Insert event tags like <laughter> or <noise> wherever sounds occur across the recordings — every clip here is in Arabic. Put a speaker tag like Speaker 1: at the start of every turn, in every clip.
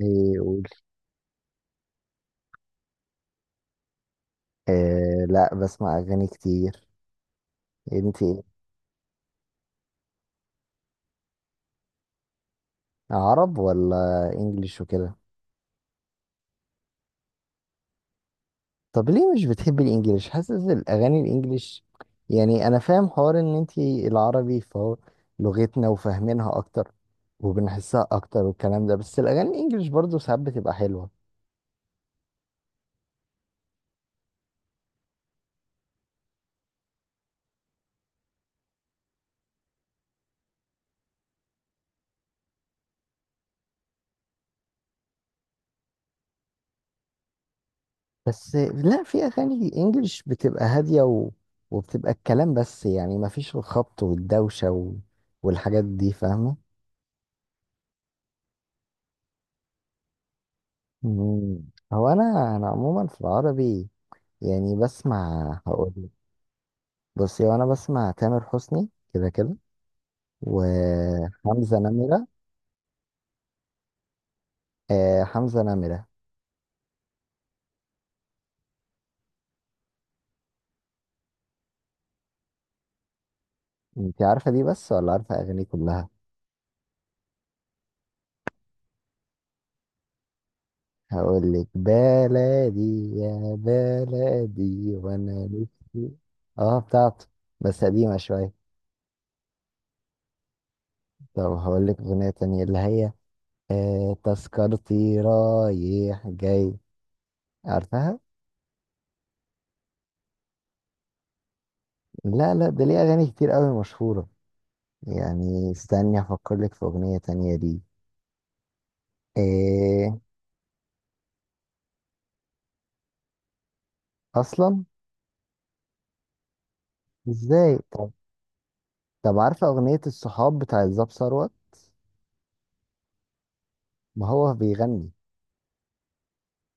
Speaker 1: ايه قول. إيه، لا بسمع اغاني كتير. انت ايه؟ عرب ولا انجليش وكده؟ طب ليه مش بتحبي الانجليش؟ حاسس الاغاني الانجليش يعني انا فاهم حوار ان انت العربي فهو لغتنا وفاهمينها اكتر وبنحسها اكتر والكلام ده، بس الاغاني الانجليش برضه ساعات بتبقى حلوة. بس لا، في اغاني انجليش بتبقى هادية وبتبقى الكلام بس، يعني مفيش الخبط والدوشة والحاجات دي فاهمة. مم. هو انا عموما في العربي يعني بسمع، هقول لك. بصي، وانا بسمع تامر حسني كده كده، وحمزة نمرة. آه حمزة نمرة. انت عارفة دي بس ولا عارفة اغاني كلها؟ هقول لك بلدي، يا بلدي وانا نفسي. اه بتاعته، بس قديمة شوية. طب هقول لك اغنية تانية اللي هي آه، تذكرتي رايح جاي؟ عارفها؟ لا لا، ده ليه اغاني كتير قوي مشهورة. يعني استني افكر لك في اغنية تانية دي. ايه. اصلا؟ ازاي طب؟ طب عارفة اغنية الصحاب بتاع الزاب ثروت؟ ما هو بيغني،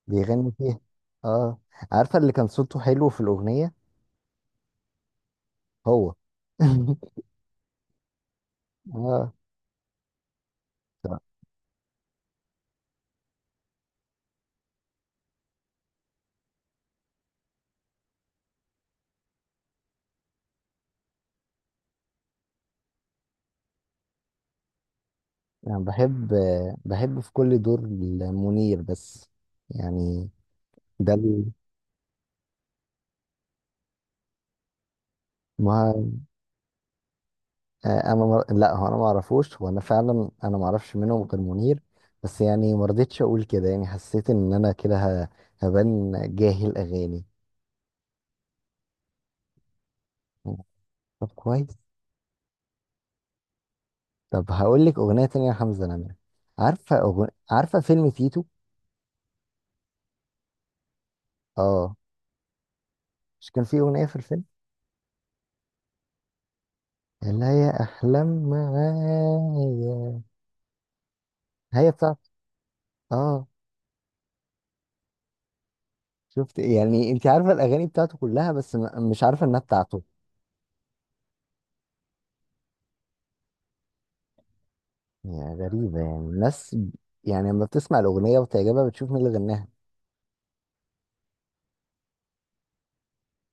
Speaker 1: بيغني فيها. اه. عارفة اللي كان صوته حلو في الاغنية؟ هو. <laughs> اه. طب، انا بحب، بحب في كل دور. منير بس يعني. ده ال- ما، لا، هو انا ما اعرفوش، وانا فعلا انا ما اعرفش منهم غير منير، بس يعني ما رضيتش اقول كده، يعني حسيت ان انا كده ه... هبان جاهل اغاني. طب كويس. طب هقول لك اغنيه تانية لحمزه نمره. عارفه فيلم تيتو؟ اه. مش كان في اغنيه في الفيلم اللي هي احلام معايا؟ هي بتاعته. اه. شفت؟ يعني انت عارفه الاغاني بتاعته كلها بس مش عارفه انها بتاعته. يعني غريبة، يعني يعني لما بتسمع الأغنية وتعجبها بتشوف مين اللي غناها.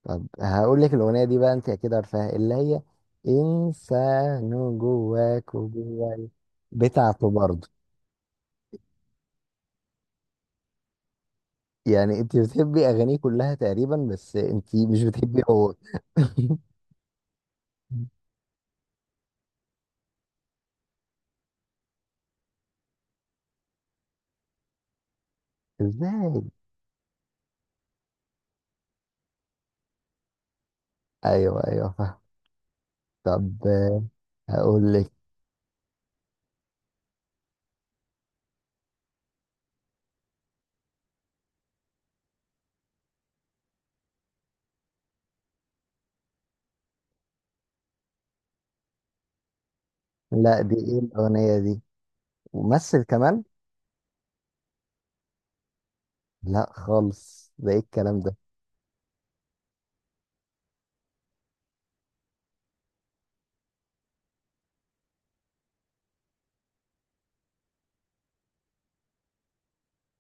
Speaker 1: طب هقول لك الأغنية دي بقى، أنت أكيد عارفاها، اللي هي إنسان جواك وجواي. بتاعته برضه. يعني أنت بتحبي أغانيه كلها تقريبا بس أنت مش بتحبي هو. <laughs> إزاي؟ أيوه أيوه، فاهم. طب آه، هقول لك. لا، دي إيه الأغنية دي؟ ومثل كمان؟ لا خالص، ده إيه الكلام ده؟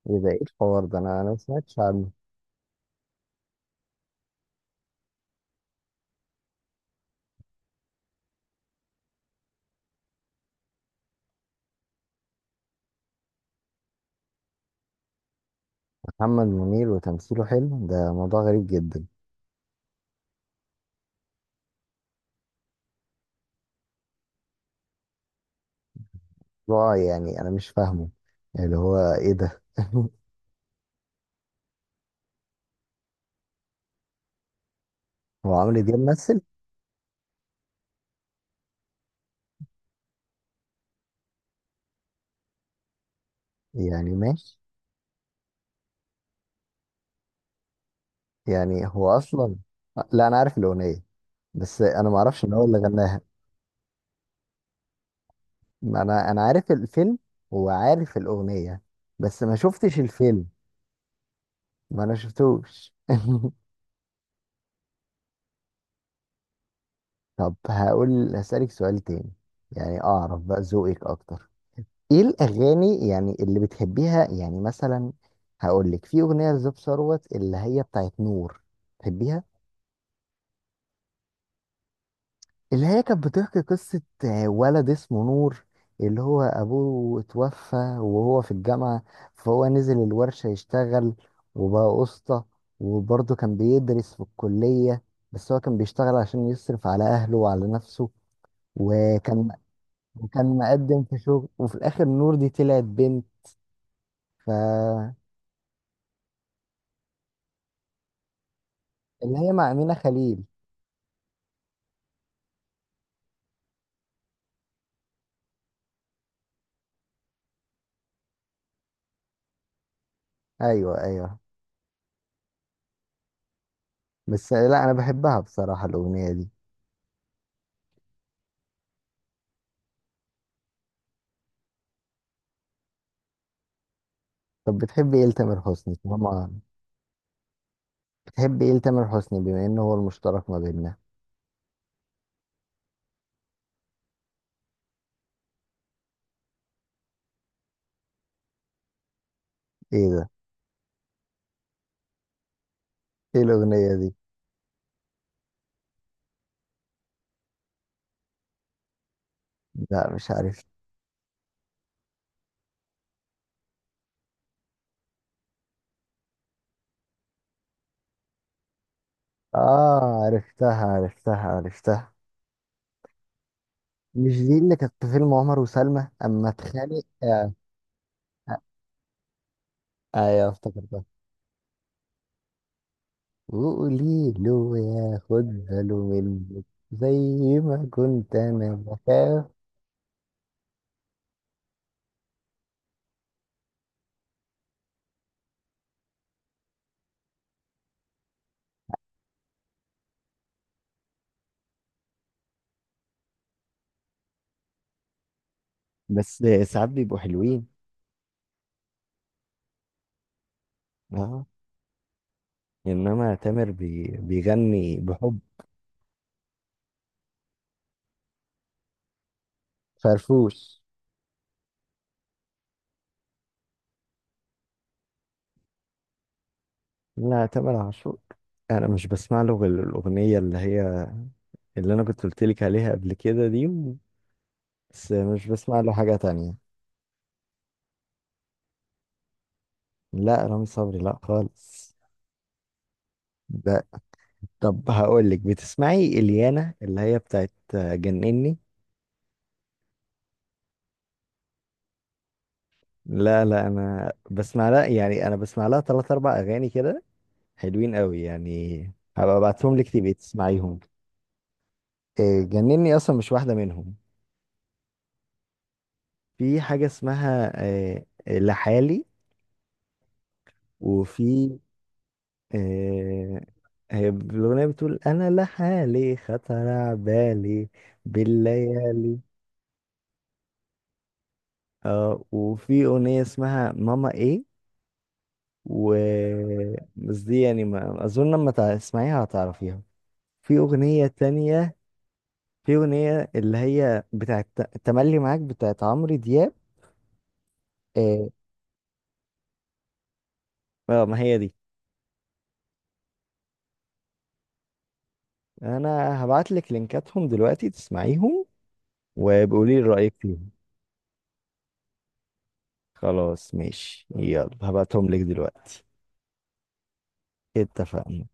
Speaker 1: إيه ده، إيه الحوار ده؟ أنا ما سمعتش عنه. محمد منير وتمثيله حلو، ده موضوع غريب جدا. موضوع يعني انا مش فاهمه اللي هو ايه ده. <laughs> هو عمرو دياب مثل؟ يعني ماشي. يعني هو اصلا. لا انا عارف الاغنيه، بس انا ما اعرفش ان هو اللي غناها. ما انا عارف الفيلم وعارف الاغنيه، بس ما شفتش الفيلم. ما انا شفتوش. <laughs> طب هقول، هسألك سؤال تاني، يعني اعرف بقى ذوقك اكتر. ايه الاغاني يعني اللي بتحبيها يعني مثلا؟ هقول لك، في اغنيه لزوب ثروت اللي هي بتاعت نور. بتحبيها؟ اللي هي كانت بتحكي قصه ولد اسمه نور، اللي هو ابوه اتوفى وهو في الجامعه، فهو نزل الورشه يشتغل وبقى قسطى، وبرضه كان بيدرس في الكليه، بس هو كان بيشتغل عشان يصرف على اهله وعلى نفسه، وكان وكان مقدم في شغل، وفي الاخر نور دي طلعت بنت. ف، اللي هي مع أمينة خليل. ايوه ايوه. بس لا، انا بحبها بصراحه الاغنيه دي. طب بتحب ايه لتامر حسني طالما؟ بتحب ايه لتامر حسني بما انه هو المشترك ما بيننا؟ ايه ده؟ ايه الاغنيه دي؟ لا مش عارف. اه عرفتها عرفتها عرفتها. مش دي اللي كانت في فيلم عمر وسلمى اما اتخانق؟ آه. آه، ايوه افتكرتها. وقولي له ياخد باله منك. زي ما كنت انا بخاف. بس ساعات بيبقوا حلوين. اه، انما تامر بيغني بحب. فرفوش. لا تامر عاشور انا مش بسمع له غير الاغنيه اللي هي اللي انا كنت قلت لك عليها قبل كده دي، بس مش بسمع له حاجه تانية. لا رامي صبري لا خالص ده. طب هقول لك، بتسمعي اليانا اللي هي بتاعت جنني؟ لا لا، انا بسمع لها، يعني انا بسمع لها ثلاث اربع اغاني كده، حلوين قوي يعني. هبقى ابعتهم لك تبقي تسمعيهم. جنني اصلا مش واحده منهم. في حاجة اسمها لحالي. وفي آه، هي الأغنية بتقول أنا لحالي خطر على بالي بالليالي. اه وفي أغنية اسمها ماما إيه. و، بس دي يعني ما أظن لما تسمعيها هتعرفيها. في أغنية تانية، في أغنية اللي هي بتاعت تملي معاك بتاعت عمرو دياب. اه، آه، ما هي دي. أنا هبعتلك لينكاتهم دلوقتي تسمعيهم وبقولي رأيك فيهم. خلاص ماشي، يلا هبعتهم لك دلوقتي. اتفقنا.